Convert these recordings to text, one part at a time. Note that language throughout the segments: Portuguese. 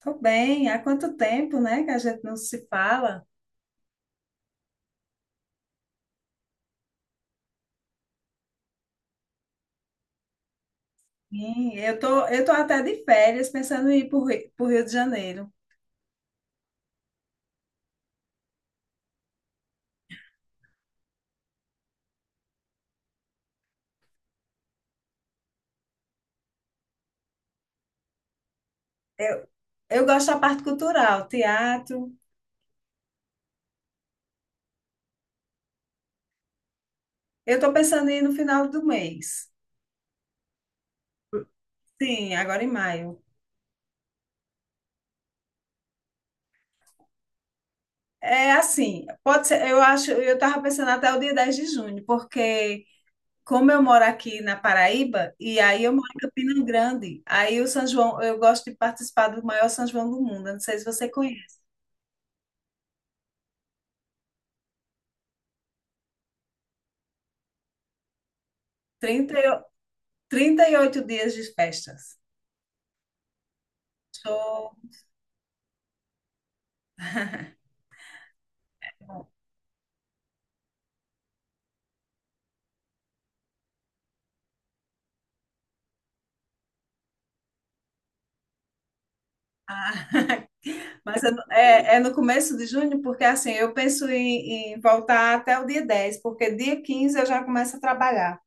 Tô bem, há quanto tempo, né, que a gente não se fala? Sim, eu tô até de férias pensando em ir para o Rio de Janeiro. Eu, eu gosto da parte cultural, teatro. Eu tô pensando em ir no final do mês. Sim, agora em maio. É assim, pode ser, eu acho, eu tava pensando até o dia 10 de junho, porque como eu moro aqui na Paraíba, e aí eu moro em Campina Grande, aí o São João, eu gosto de participar do maior São João do mundo, eu não sei se você conhece. trinta, 38 dias de festas. Show. Ah, mas é no começo de junho, porque assim, eu penso em voltar até o dia 10 porque dia 15 eu já começo a trabalhar.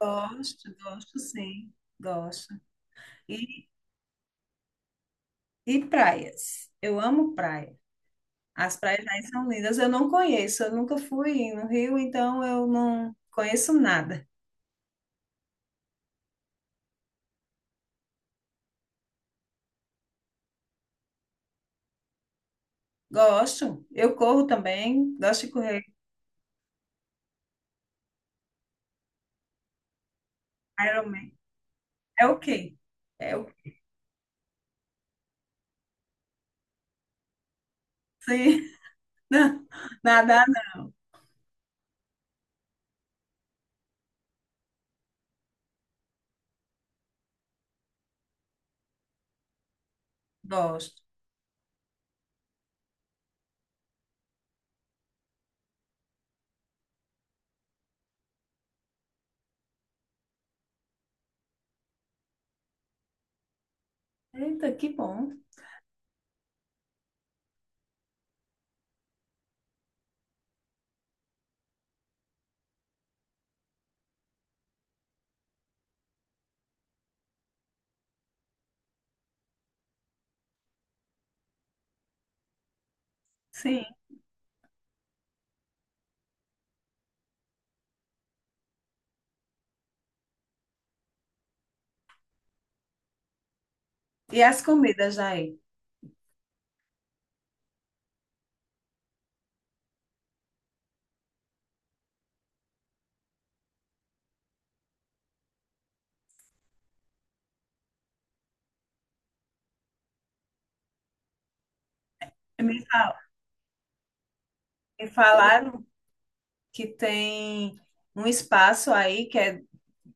Gosto, gosto sim, gosto. E, e praias. Eu amo praia. As praias aí são lindas. Eu não conheço, eu nunca fui no Rio, então eu não conheço nada. Gosto. Eu corro também, gosto de correr. Ironman. É o quê? É o quê? Nadar, gosto. Eita, que bom. Sim. E as comidas aí? Me fa- me falaram que tem um espaço aí que é,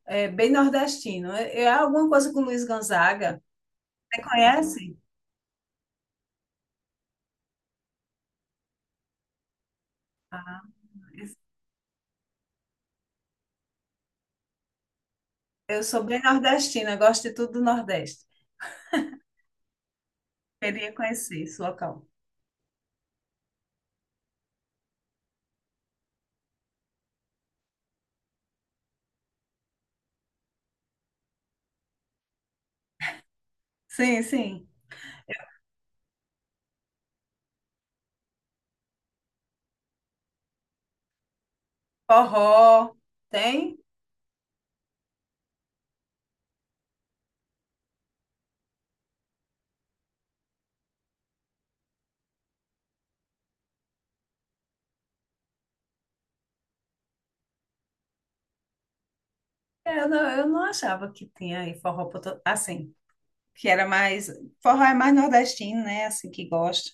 é bem nordestino. É alguma coisa com Luiz Gonzaga. Você conhece? Ah, eu sou bem nordestina, gosto de tudo do Nordeste. Queria conhecer esse local. Sim, sim. Forró, tem? Eu não achava que tinha aí forró assim. Que era mais. Forró é mais nordestino, né? Assim que gosta,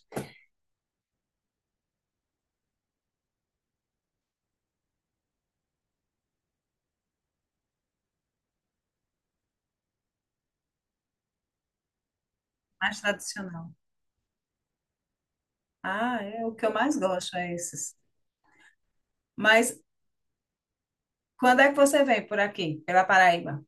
mais tradicional. Ah, é o que eu mais gosto, é esses. Mas quando é que você vem por aqui, pela Paraíba?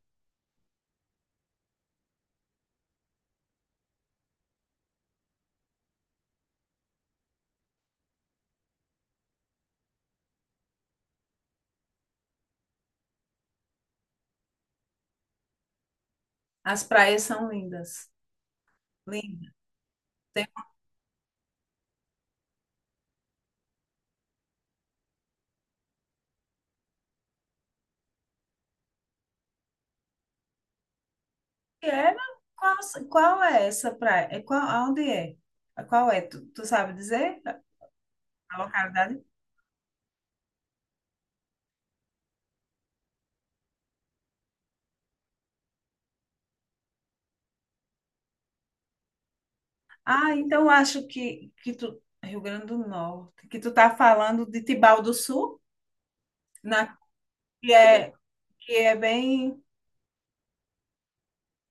As praias são lindas. Lindas. Tem que é, mas qual é essa praia? É qual, aonde é? Qual é? Tu sabe dizer a localidade? Ah, então eu acho que tu. Rio Grande do Norte, que tu tá falando de Tibau do Sul, na, que é, que é bem.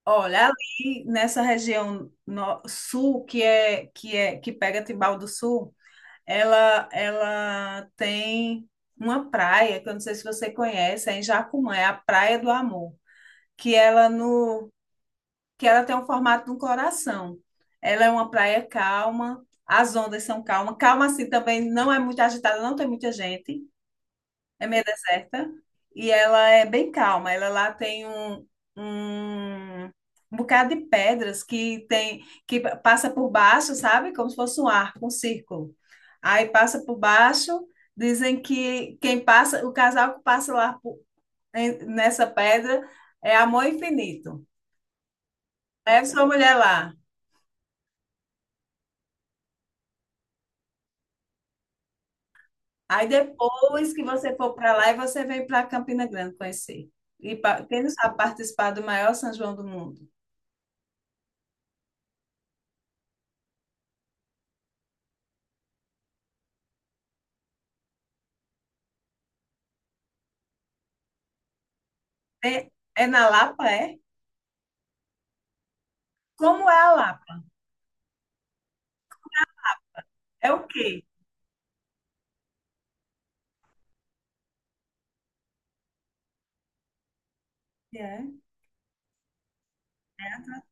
Olha, ali nessa região sul, que é que pega Tibau do Sul, ela tem uma praia, que eu não sei se você conhece, é em Jacumã, é a Praia do Amor, que ela no que ela tem o formato de um coração. Ela é uma praia calma, as ondas são calmas, calma assim também, não é muito agitada, não tem muita gente, é meio deserta e ela é bem calma. Ela lá tem um bocado de pedras que tem que passa por baixo, sabe? Como se fosse um arco, um círculo. Aí passa por baixo, dizem que quem passa, o casal que passa lá nessa pedra é amor infinito. Leve sua mulher lá. Aí depois que você for para lá, e você vem para Campina Grande conhecer. E quem não sabe participar do maior São João do mundo. É, é na Lapa, é? Como é a Lapa? É o quê? E é, é atra-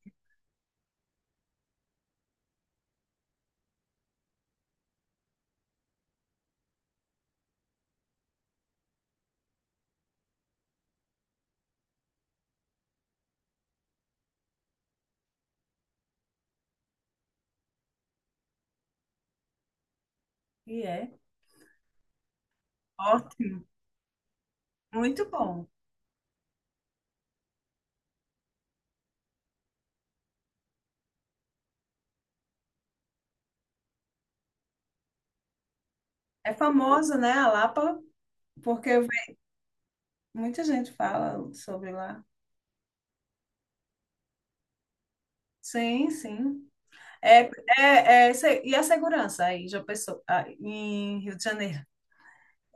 e é. Ótimo, muito bom. É famoso, né, a Lapa, porque eu muita gente fala sobre lá. Sim, sim. É, é, e a segurança aí, já pensou, ah, em Rio de Janeiro?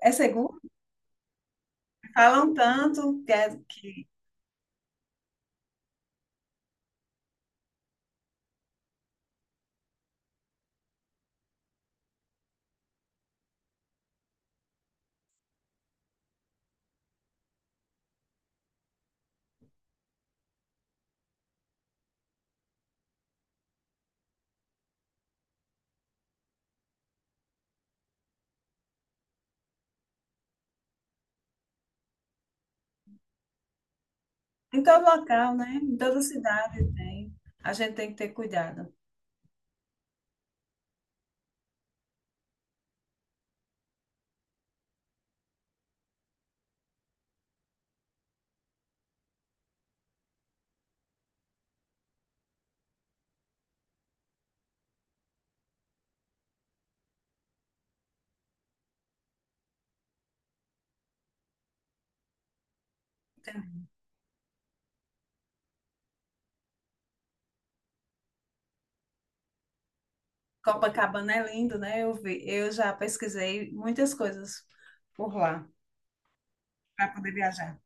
É seguro? Falam tanto que em todo local, né? Em toda cidade tem. A gente tem que ter cuidado. Copacabana é lindo, né? Eu vi, eu já pesquisei muitas coisas por lá para poder viajar.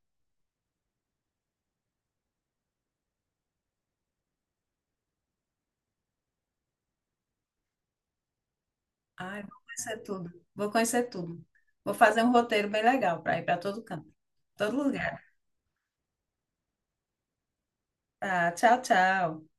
Ai, vou conhecer tudo. Vou conhecer tudo. Vou fazer um roteiro bem legal para ir para todo canto, todo lugar. Tá, tchau, tchau.